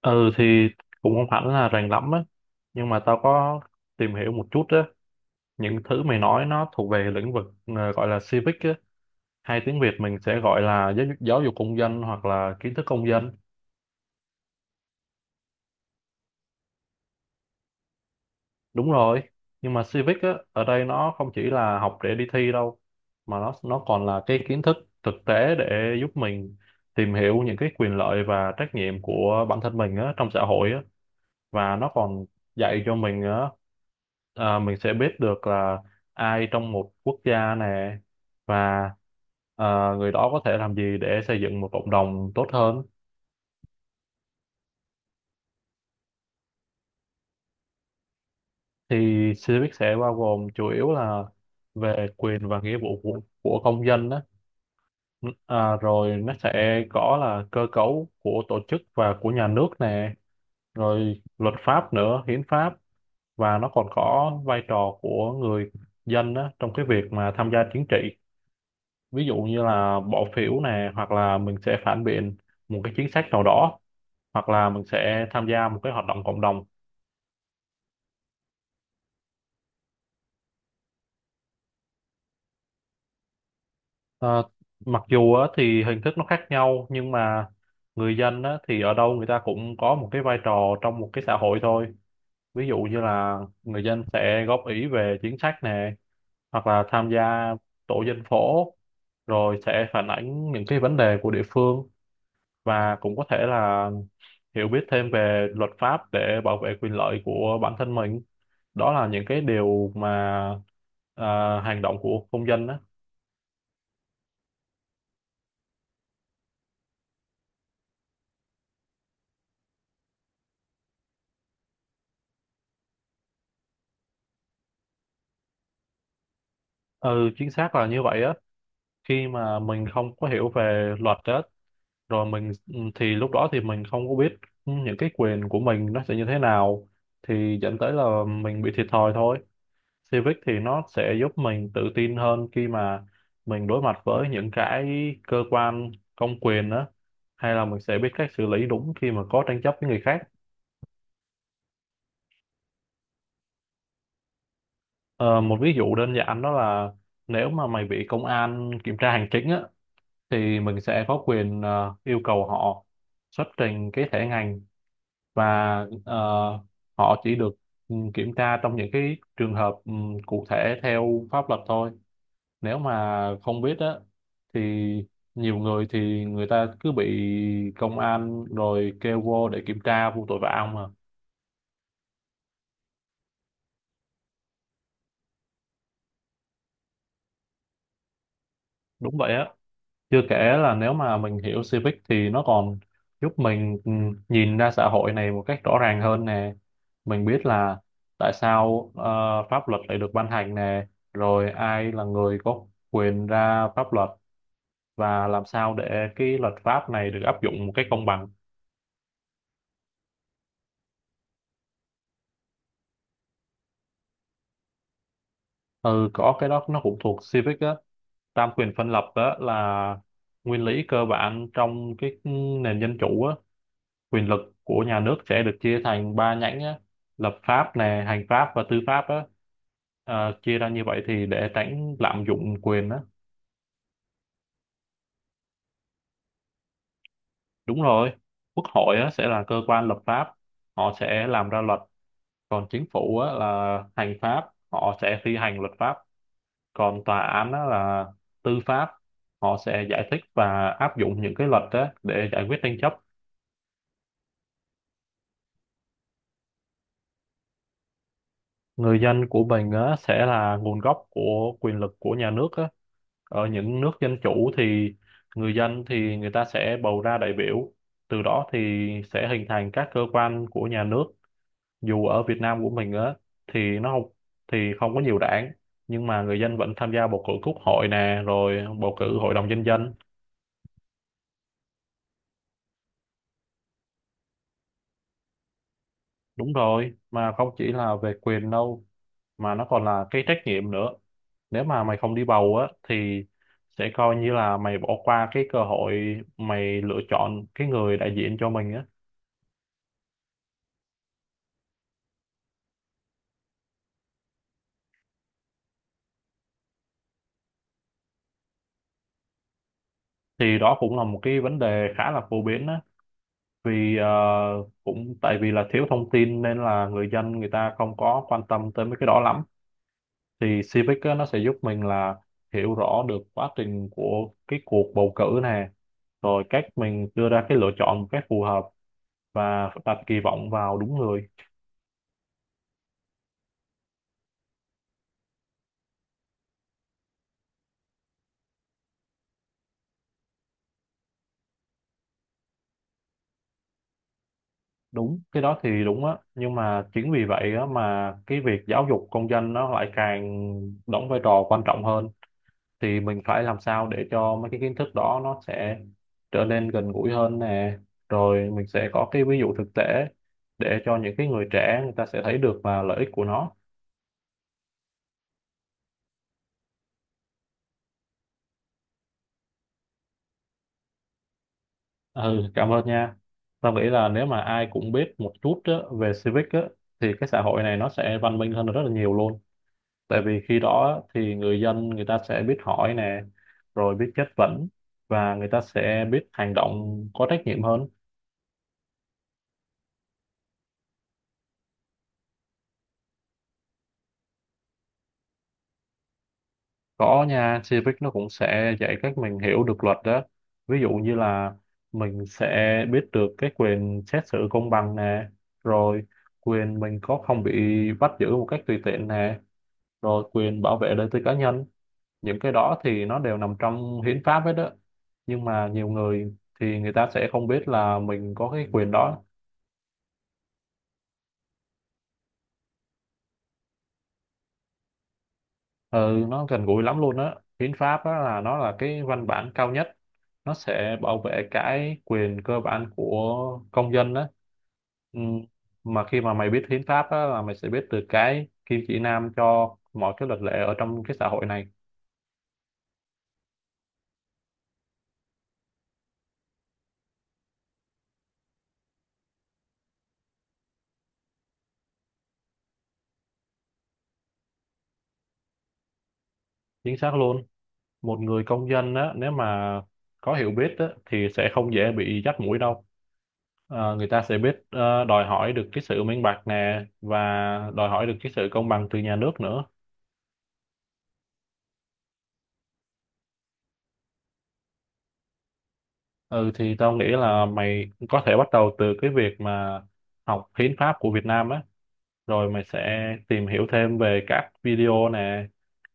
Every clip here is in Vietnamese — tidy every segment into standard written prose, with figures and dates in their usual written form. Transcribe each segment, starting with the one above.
Ừ thì cũng không hẳn là rành lắm á, nhưng mà tao có tìm hiểu một chút á. Những thứ mày nói nó thuộc về lĩnh vực, gọi là civic á, hay tiếng Việt mình sẽ gọi là giáo dục công dân hoặc là kiến thức công dân. Đúng rồi, nhưng mà civic á ở đây nó không chỉ là học để đi thi đâu, mà nó còn là cái kiến thức thực tế để giúp mình tìm hiểu những cái quyền lợi và trách nhiệm của bản thân mình á trong xã hội á. Và nó còn dạy cho mình nữa. À, mình sẽ biết được là ai trong một quốc gia này, và người đó có thể làm gì để xây dựng một cộng đồng tốt hơn. Thì civic sẽ bao gồm chủ yếu là về quyền và nghĩa vụ của công dân đó. À, rồi nó sẽ có là cơ cấu của tổ chức và của nhà nước nè, rồi luật pháp nữa, hiến pháp. Và nó còn có vai trò của người dân đó trong cái việc mà tham gia chính trị, ví dụ như là bỏ phiếu này, hoặc là mình sẽ phản biện một cái chính sách nào đó, hoặc là mình sẽ tham gia một cái hoạt động cộng đồng. Ờ, mặc dù á thì hình thức nó khác nhau, nhưng mà người dân á thì ở đâu người ta cũng có một cái vai trò trong một cái xã hội thôi. Ví dụ như là người dân sẽ góp ý về chính sách này, hoặc là tham gia tổ dân phố, rồi sẽ phản ánh những cái vấn đề của địa phương, và cũng có thể là hiểu biết thêm về luật pháp để bảo vệ quyền lợi của bản thân mình. Đó là những cái điều mà, à, hành động của công dân á. Ừ, chính xác là như vậy á. Khi mà mình không có hiểu về luật á, rồi mình thì lúc đó thì mình không có biết những cái quyền của mình nó sẽ như thế nào, thì dẫn tới là mình bị thiệt thòi thôi. Civic thì nó sẽ giúp mình tự tin hơn khi mà mình đối mặt với những cái cơ quan công quyền đó, hay là mình sẽ biết cách xử lý đúng khi mà có tranh chấp với người khác. Ờ, một ví dụ đơn giản đó là nếu mà mày bị công an kiểm tra hành chính á, thì mình sẽ có quyền yêu cầu họ xuất trình cái thẻ ngành. Và họ chỉ được kiểm tra trong những cái trường hợp cụ thể theo pháp luật thôi. Nếu mà không biết á thì nhiều người thì người ta cứ bị công an rồi kêu vô để kiểm tra vô tội vạ ông mà. Đúng vậy á. Chưa kể là nếu mà mình hiểu Civic thì nó còn giúp mình nhìn ra xã hội này một cách rõ ràng hơn nè. Mình biết là tại sao pháp luật lại được ban hành nè, rồi ai là người có quyền ra pháp luật, và làm sao để cái luật pháp này được áp dụng một cách công bằng. Ừ, có cái đó nó cũng thuộc Civic á. Tam quyền phân lập đó là nguyên lý cơ bản trong cái nền dân chủ á. Quyền lực của nhà nước sẽ được chia thành ba nhánh á: lập pháp nè, hành pháp, và tư pháp á. Chia ra như vậy thì để tránh lạm dụng quyền á. Đúng rồi. Quốc hội á sẽ là cơ quan lập pháp, họ sẽ làm ra luật. Còn chính phủ á là hành pháp, họ sẽ thi hành luật pháp. Còn tòa án á là tư pháp, họ sẽ giải thích và áp dụng những cái luật á để giải quyết tranh chấp. Người dân của mình á sẽ là nguồn gốc của quyền lực của nhà nước á. Ở những nước dân chủ thì người dân thì người ta sẽ bầu ra đại biểu, từ đó thì sẽ hình thành các cơ quan của nhà nước. Dù ở Việt Nam của mình á thì nó không thì không có nhiều đảng, nhưng mà người dân vẫn tham gia bầu cử quốc hội nè, rồi bầu cử hội đồng nhân dân. Đúng rồi, mà không chỉ là về quyền đâu, mà nó còn là cái trách nhiệm nữa. Nếu mà mày không đi bầu á thì sẽ coi như là mày bỏ qua cái cơ hội mày lựa chọn cái người đại diện cho mình á. Thì đó cũng là một cái vấn đề khá là phổ biến á. Vì cũng tại vì là thiếu thông tin nên là người dân người ta không có quan tâm tới mấy cái đó lắm. Thì Civic á nó sẽ giúp mình là hiểu rõ được quá trình của cái cuộc bầu cử này, rồi cách mình đưa ra cái lựa chọn một cách phù hợp, và đặt kỳ vọng vào đúng người. Đúng, cái đó thì đúng á, nhưng mà chính vì vậy á mà cái việc giáo dục công dân nó lại càng đóng vai trò quan trọng hơn. Thì mình phải làm sao để cho mấy cái kiến thức đó nó sẽ trở nên gần gũi hơn nè, rồi mình sẽ có cái ví dụ thực tế để cho những cái người trẻ người ta sẽ thấy được là lợi ích của nó. Ừ, cảm ơn nha. Tao nghĩ là nếu mà ai cũng biết một chút á về civic á thì cái xã hội này nó sẽ văn minh hơn rất là nhiều luôn. Tại vì khi đó thì người dân người ta sẽ biết hỏi nè, rồi biết chất vấn, và người ta sẽ biết hành động có trách nhiệm hơn. Có nha, Civic nó cũng sẽ dạy cách mình hiểu được luật đó. Ví dụ như là mình sẽ biết được cái quyền xét xử công bằng nè, rồi quyền mình có không bị bắt giữ một cách tùy tiện nè, rồi quyền bảo vệ đời tư cá nhân. Những cái đó thì nó đều nằm trong hiến pháp hết đó, nhưng mà nhiều người thì người ta sẽ không biết là mình có cái quyền đó. Ừ, nó gần gũi lắm luôn á. Hiến pháp đó là, nó là cái văn bản cao nhất, nó sẽ bảo vệ cái quyền cơ bản của công dân đó. ừ. Mà khi mà mày biết hiến pháp á là mày sẽ biết được cái kim chỉ nam cho mọi cái luật lệ ở trong cái xã hội này. Chính xác luôn. Một người công dân á nếu mà có hiểu biết á thì sẽ không dễ bị dắt mũi đâu. Người ta sẽ biết đòi hỏi được cái sự minh bạch nè, và đòi hỏi được cái sự công bằng từ nhà nước nữa. Ừ thì tao nghĩ là mày có thể bắt đầu từ cái việc mà học hiến pháp của Việt Nam á, rồi mày sẽ tìm hiểu thêm về các video nè,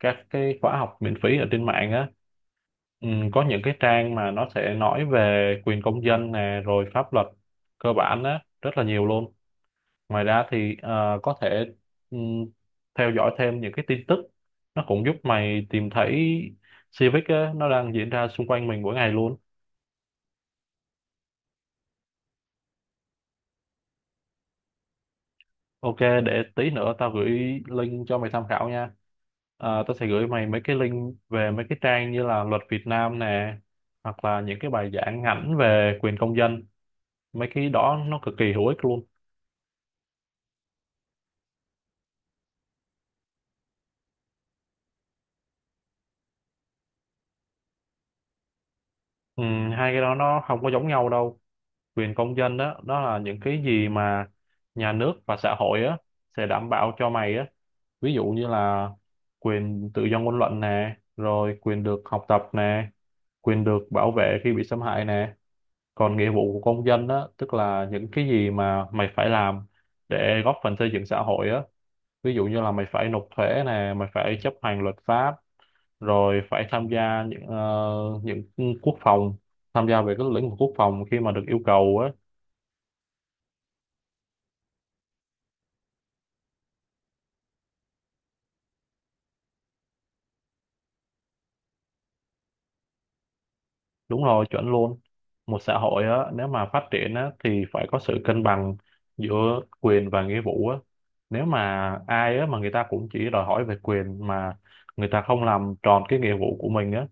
các cái khóa học miễn phí ở trên mạng á. Ừ, có những cái trang mà nó sẽ nói về quyền công dân nè, rồi pháp luật cơ bản á, rất là nhiều luôn. Ngoài ra thì có thể ừ, theo dõi thêm những cái tin tức, nó cũng giúp mày tìm thấy Civic á, nó đang diễn ra xung quanh mình mỗi ngày luôn. OK, để tí nữa tao gửi link cho mày tham khảo nha. À, tao sẽ gửi mày mấy cái link về mấy cái trang như là luật Việt Nam nè, hoặc là những cái bài giảng ngắn về quyền công dân. Mấy cái đó nó cực kỳ hữu ích luôn. Ừ, hai cái đó nó không có giống nhau đâu. Quyền công dân đó, đó là những cái gì mà nhà nước và xã hội á sẽ đảm bảo cho mày á. Ví dụ như là quyền tự do ngôn luận nè, rồi quyền được học tập nè, quyền được bảo vệ khi bị xâm hại nè. Còn nghĩa vụ của công dân á tức là những cái gì mà mày phải làm để góp phần xây dựng xã hội á. Ví dụ như là mày phải nộp thuế nè, mày phải chấp hành luật pháp, rồi phải tham gia những quốc phòng, tham gia về cái lĩnh vực quốc phòng khi mà được yêu cầu á. Đúng rồi, chuẩn luôn. Một xã hội á nếu mà phát triển á thì phải có sự cân bằng giữa quyền và nghĩa vụ á. Nếu mà ai á mà người ta cũng chỉ đòi hỏi về quyền mà người ta không làm tròn cái nghĩa vụ của mình á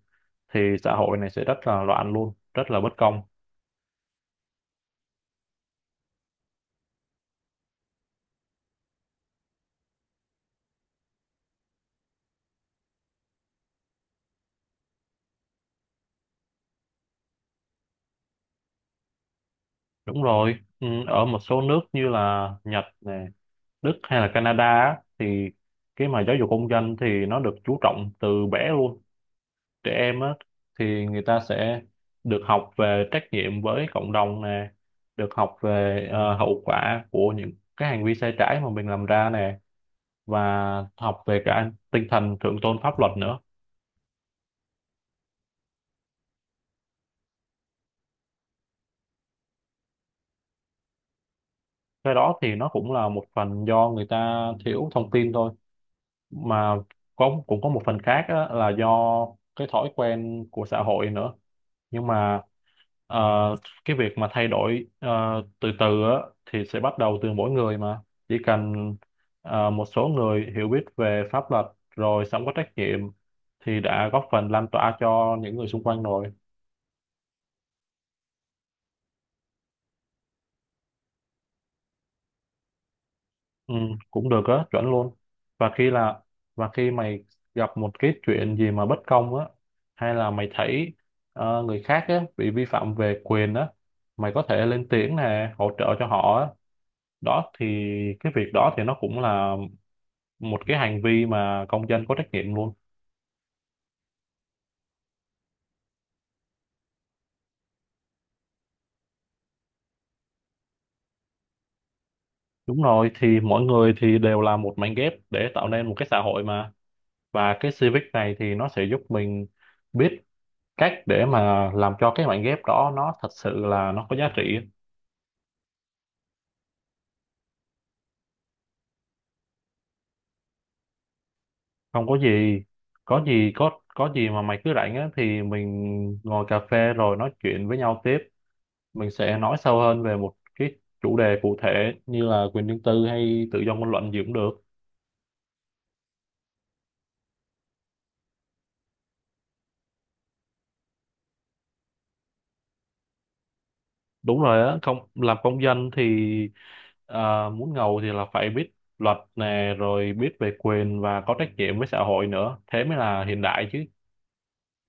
thì xã hội này sẽ rất là loạn luôn, rất là bất công. Đúng rồi. Ừ, Ở một số nước như là Nhật này, Đức, hay là Canada á, thì cái mà giáo dục công dân thì nó được chú trọng từ bé luôn. Trẻ em á thì người ta sẽ được học về trách nhiệm với cộng đồng nè, được học về hậu quả của những cái hành vi sai trái mà mình làm ra nè, và học về cả tinh thần thượng tôn pháp luật nữa. Cái đó thì nó cũng là một phần do người ta thiếu thông tin thôi. Mà cũng có một phần khác á là do cái thói quen của xã hội nữa. Nhưng mà ờ, cái việc mà thay đổi từ từ á thì sẽ bắt đầu từ mỗi người. Mà chỉ cần một số người hiểu biết về pháp luật rồi sống có trách nhiệm thì đã góp phần lan tỏa cho những người xung quanh rồi. Ừ, cũng được á, chuẩn luôn. Và khi là và khi mày gặp một cái chuyện gì mà bất công á, hay là mày thấy người khác á bị vi phạm về quyền á, mày có thể lên tiếng nè, hỗ trợ cho họ á. Đó thì cái việc đó thì nó cũng là một cái hành vi mà công dân có trách nhiệm luôn. Đúng rồi, thì mỗi người thì đều là một mảnh ghép để tạo nên một cái xã hội mà. Và cái civic này thì nó sẽ giúp mình biết cách để mà làm cho cái mảnh ghép đó nó thật sự là nó có giá trị á. Không có gì. Có gì mà mày cứ rảnh á thì mình ngồi cà phê rồi nói chuyện với nhau tiếp. Mình sẽ nói sâu hơn về một cái chủ đề cụ thể, như là quyền riêng tư hay tự do ngôn luận gì cũng được. Đúng rồi á. Không, làm công dân thì à, muốn ngầu thì là phải biết luật nè, rồi biết về quyền và có trách nhiệm với xã hội nữa, thế mới là hiện đại chứ.